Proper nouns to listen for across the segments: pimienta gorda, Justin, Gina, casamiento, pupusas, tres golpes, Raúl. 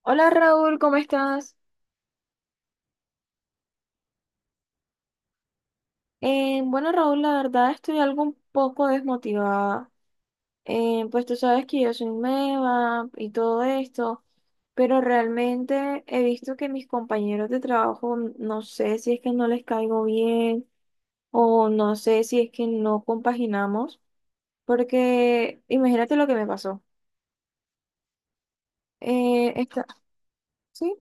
Hola Raúl, ¿cómo estás? Bueno Raúl, la verdad estoy algo un poco desmotivada. Pues tú sabes que yo soy nueva y todo esto, pero realmente he visto que mis compañeros de trabajo, no sé si es que no les caigo bien o no sé si es que no compaginamos, porque imagínate lo que me pasó. Eh, esta- sí,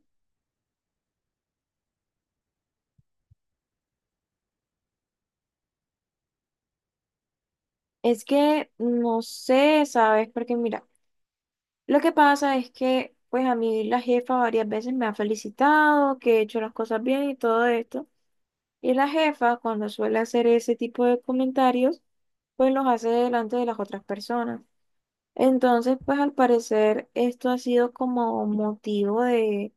es que no sé, ¿sabes? Porque mira. Lo que pasa es que, pues a mí la jefa varias veces me ha felicitado, que he hecho las cosas bien y todo esto. Y la jefa, cuando suele hacer ese tipo de comentarios, pues los hace delante de las otras personas. Entonces, pues al parecer esto ha sido como motivo de,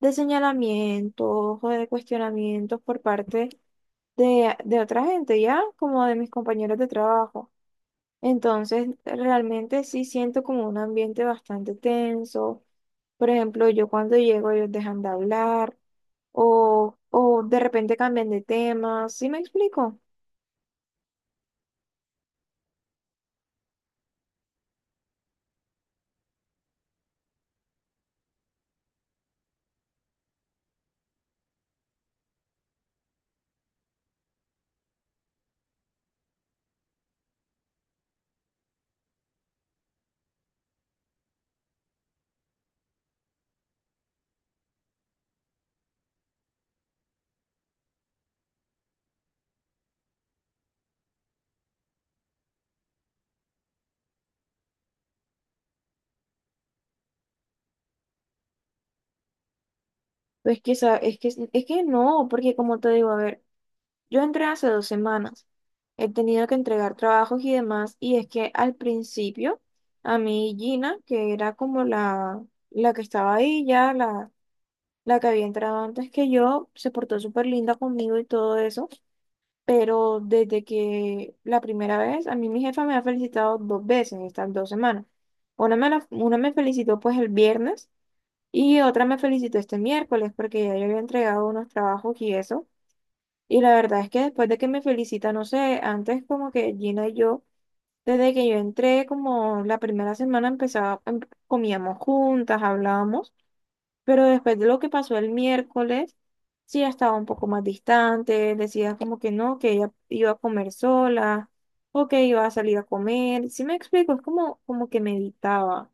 señalamientos o de cuestionamientos por parte de otra gente, ya como de mis compañeros de trabajo. Entonces, realmente sí siento como un ambiente bastante tenso. Por ejemplo, yo cuando llego ellos dejan de hablar o, de repente cambian de tema, ¿sí me explico? Es que, esa- es que no, porque como te digo, a ver, yo entré hace 2 semanas, he tenido que entregar trabajos y demás, y es que al principio a mí Gina, que era como la que estaba ahí ya, la que había entrado antes que yo, se portó súper linda conmigo y todo eso. Pero desde que la primera vez, a mí mi jefa me ha felicitado 2 veces estas 2 semanas. Una me felicitó pues el viernes y otra me felicitó este miércoles porque ya yo había entregado unos trabajos y eso. Y la verdad es que después de que me felicita, no sé, antes como que Gina y yo, desde que yo entré como la primera semana empezaba, comíamos juntas, hablábamos. Pero después de lo que pasó el miércoles, sí ya estaba un poco más distante, decía como que no, que ella iba a comer sola o que iba a salir a comer. Sí me explico, es como, como que meditaba.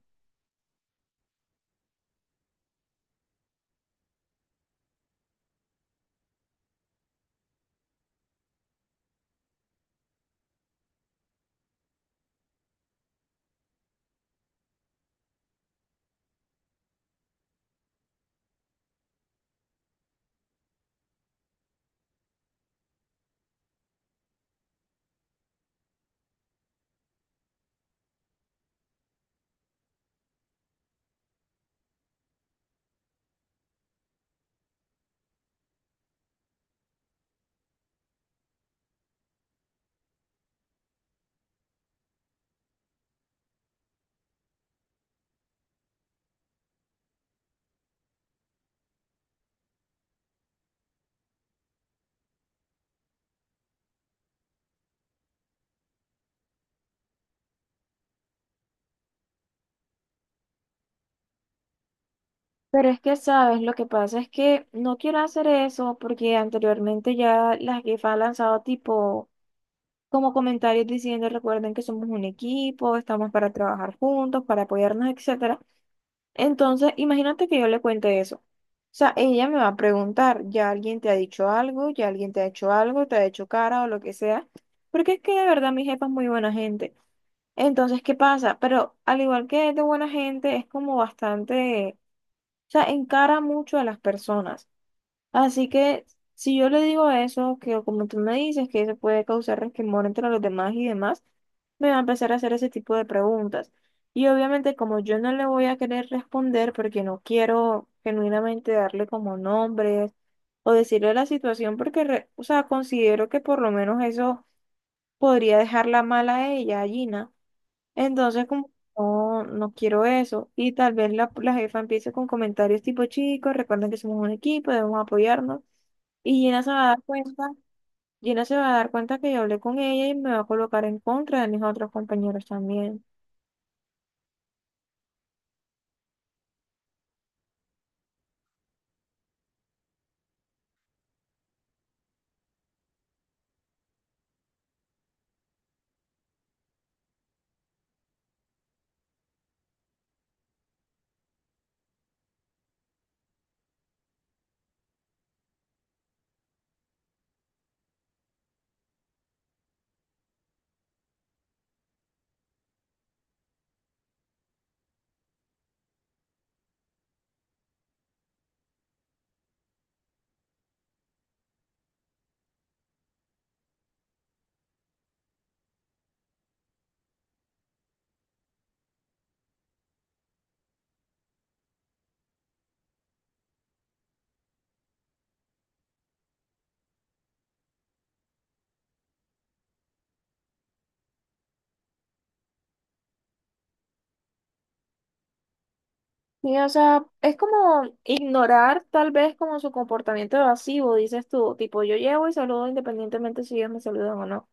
Pero es que, ¿sabes? Lo que pasa es que no quiero hacer eso porque anteriormente ya la jefa ha lanzado tipo como comentarios diciendo, recuerden que somos un equipo, estamos para trabajar juntos, para apoyarnos, etcétera. Entonces, imagínate que yo le cuente eso. O sea, ella me va a preguntar, ¿ya alguien te ha dicho algo? ¿Ya alguien te ha hecho algo? ¿Te ha hecho cara o lo que sea? Porque es que de verdad mi jefa es muy buena gente. Entonces, ¿qué pasa? Pero al igual que es de buena gente, es como bastante, o sea, encara mucho a las personas. Así que si yo le digo eso, que como tú me dices, que eso puede causar resquemor entre los demás y demás, me va a empezar a hacer ese tipo de preguntas. Y obviamente como yo no le voy a querer responder porque no quiero genuinamente darle como nombres o decirle la situación porque, o sea, considero que por lo menos eso podría dejarla mal a ella, a Gina. Entonces como no, no quiero eso. Y tal vez la jefa empiece con comentarios tipo, chicos, recuerden que somos un equipo, debemos apoyarnos. Y Gina se va a dar cuenta que yo hablé con ella y me va a colocar en contra de mis otros compañeros también. Sí, o sea, es como ignorar tal vez como su comportamiento evasivo, dices tú, tipo yo llevo y saludo independientemente si ellos me saludan o no.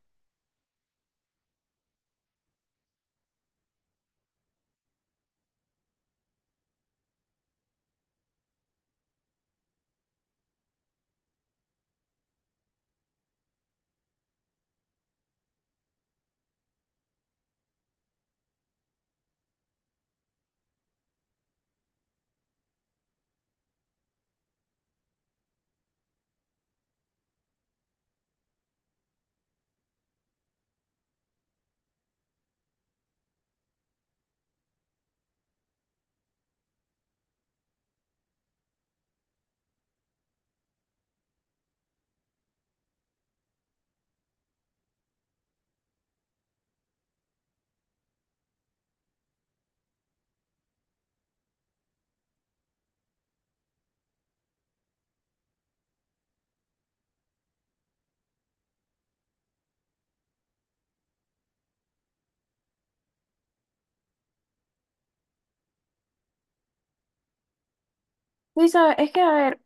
Y sabes, es que a ver,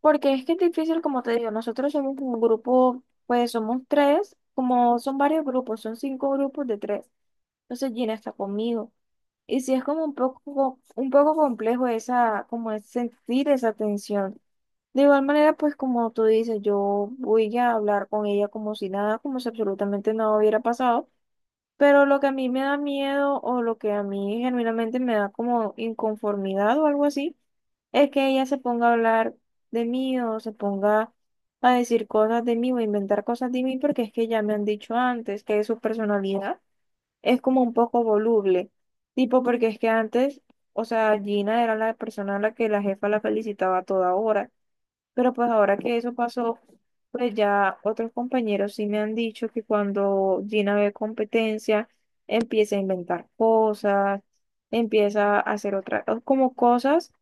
porque es que es difícil, como te digo, nosotros somos un grupo, pues somos tres, como son varios grupos, son 5 grupos de tres. Entonces Gina está conmigo. Y sí es como un poco complejo esa, como es sentir esa tensión. De igual manera, pues como tú dices, yo voy a hablar con ella como si nada, como si absolutamente nada hubiera pasado. Pero lo que a mí me da miedo o lo que a mí genuinamente me da como inconformidad o algo así, es que ella se ponga a hablar de mí o se ponga a decir cosas de mí o a inventar cosas de mí porque es que ya me han dicho antes que es su personalidad es como un poco voluble, tipo porque es que antes, o sea, Gina era la persona a la que la jefa la felicitaba a toda hora, pero pues ahora que eso pasó, pues ya otros compañeros sí me han dicho que cuando Gina ve competencia, empieza a inventar cosas, empieza a hacer otras, como cosas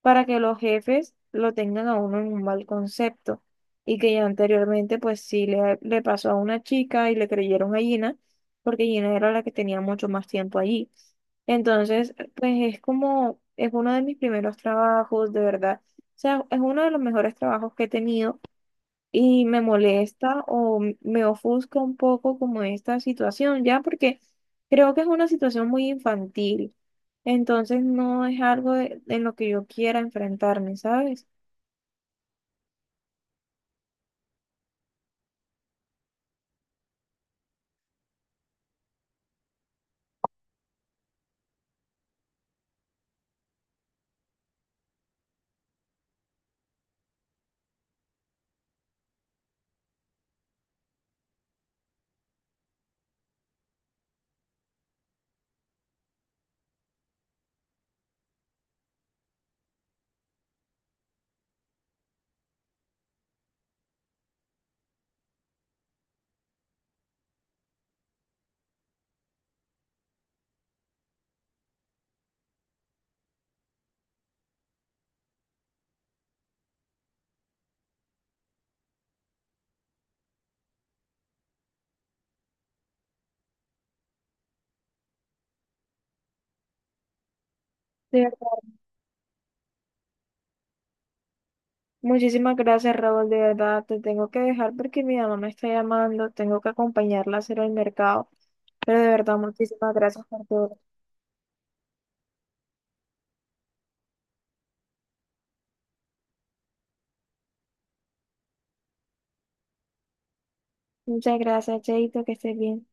para que los jefes lo tengan a uno en un mal concepto. Y que ya anteriormente, pues sí, le pasó a una chica y le creyeron a Gina, porque Gina era la que tenía mucho más tiempo allí. Entonces, pues es como, es uno de mis primeros trabajos, de verdad. O sea, es uno de los mejores trabajos que he tenido y me molesta o me ofusca un poco como esta situación, ya porque creo que es una situación muy infantil, entonces no es algo en lo que yo quiera enfrentarme, ¿sabes? De verdad. Muchísimas gracias, Raúl, de verdad, te tengo que dejar porque mi mamá me está llamando, tengo que acompañarla a hacer el mercado, pero de verdad, muchísimas gracias por todo. Muchas gracias, Cheito, que estés bien.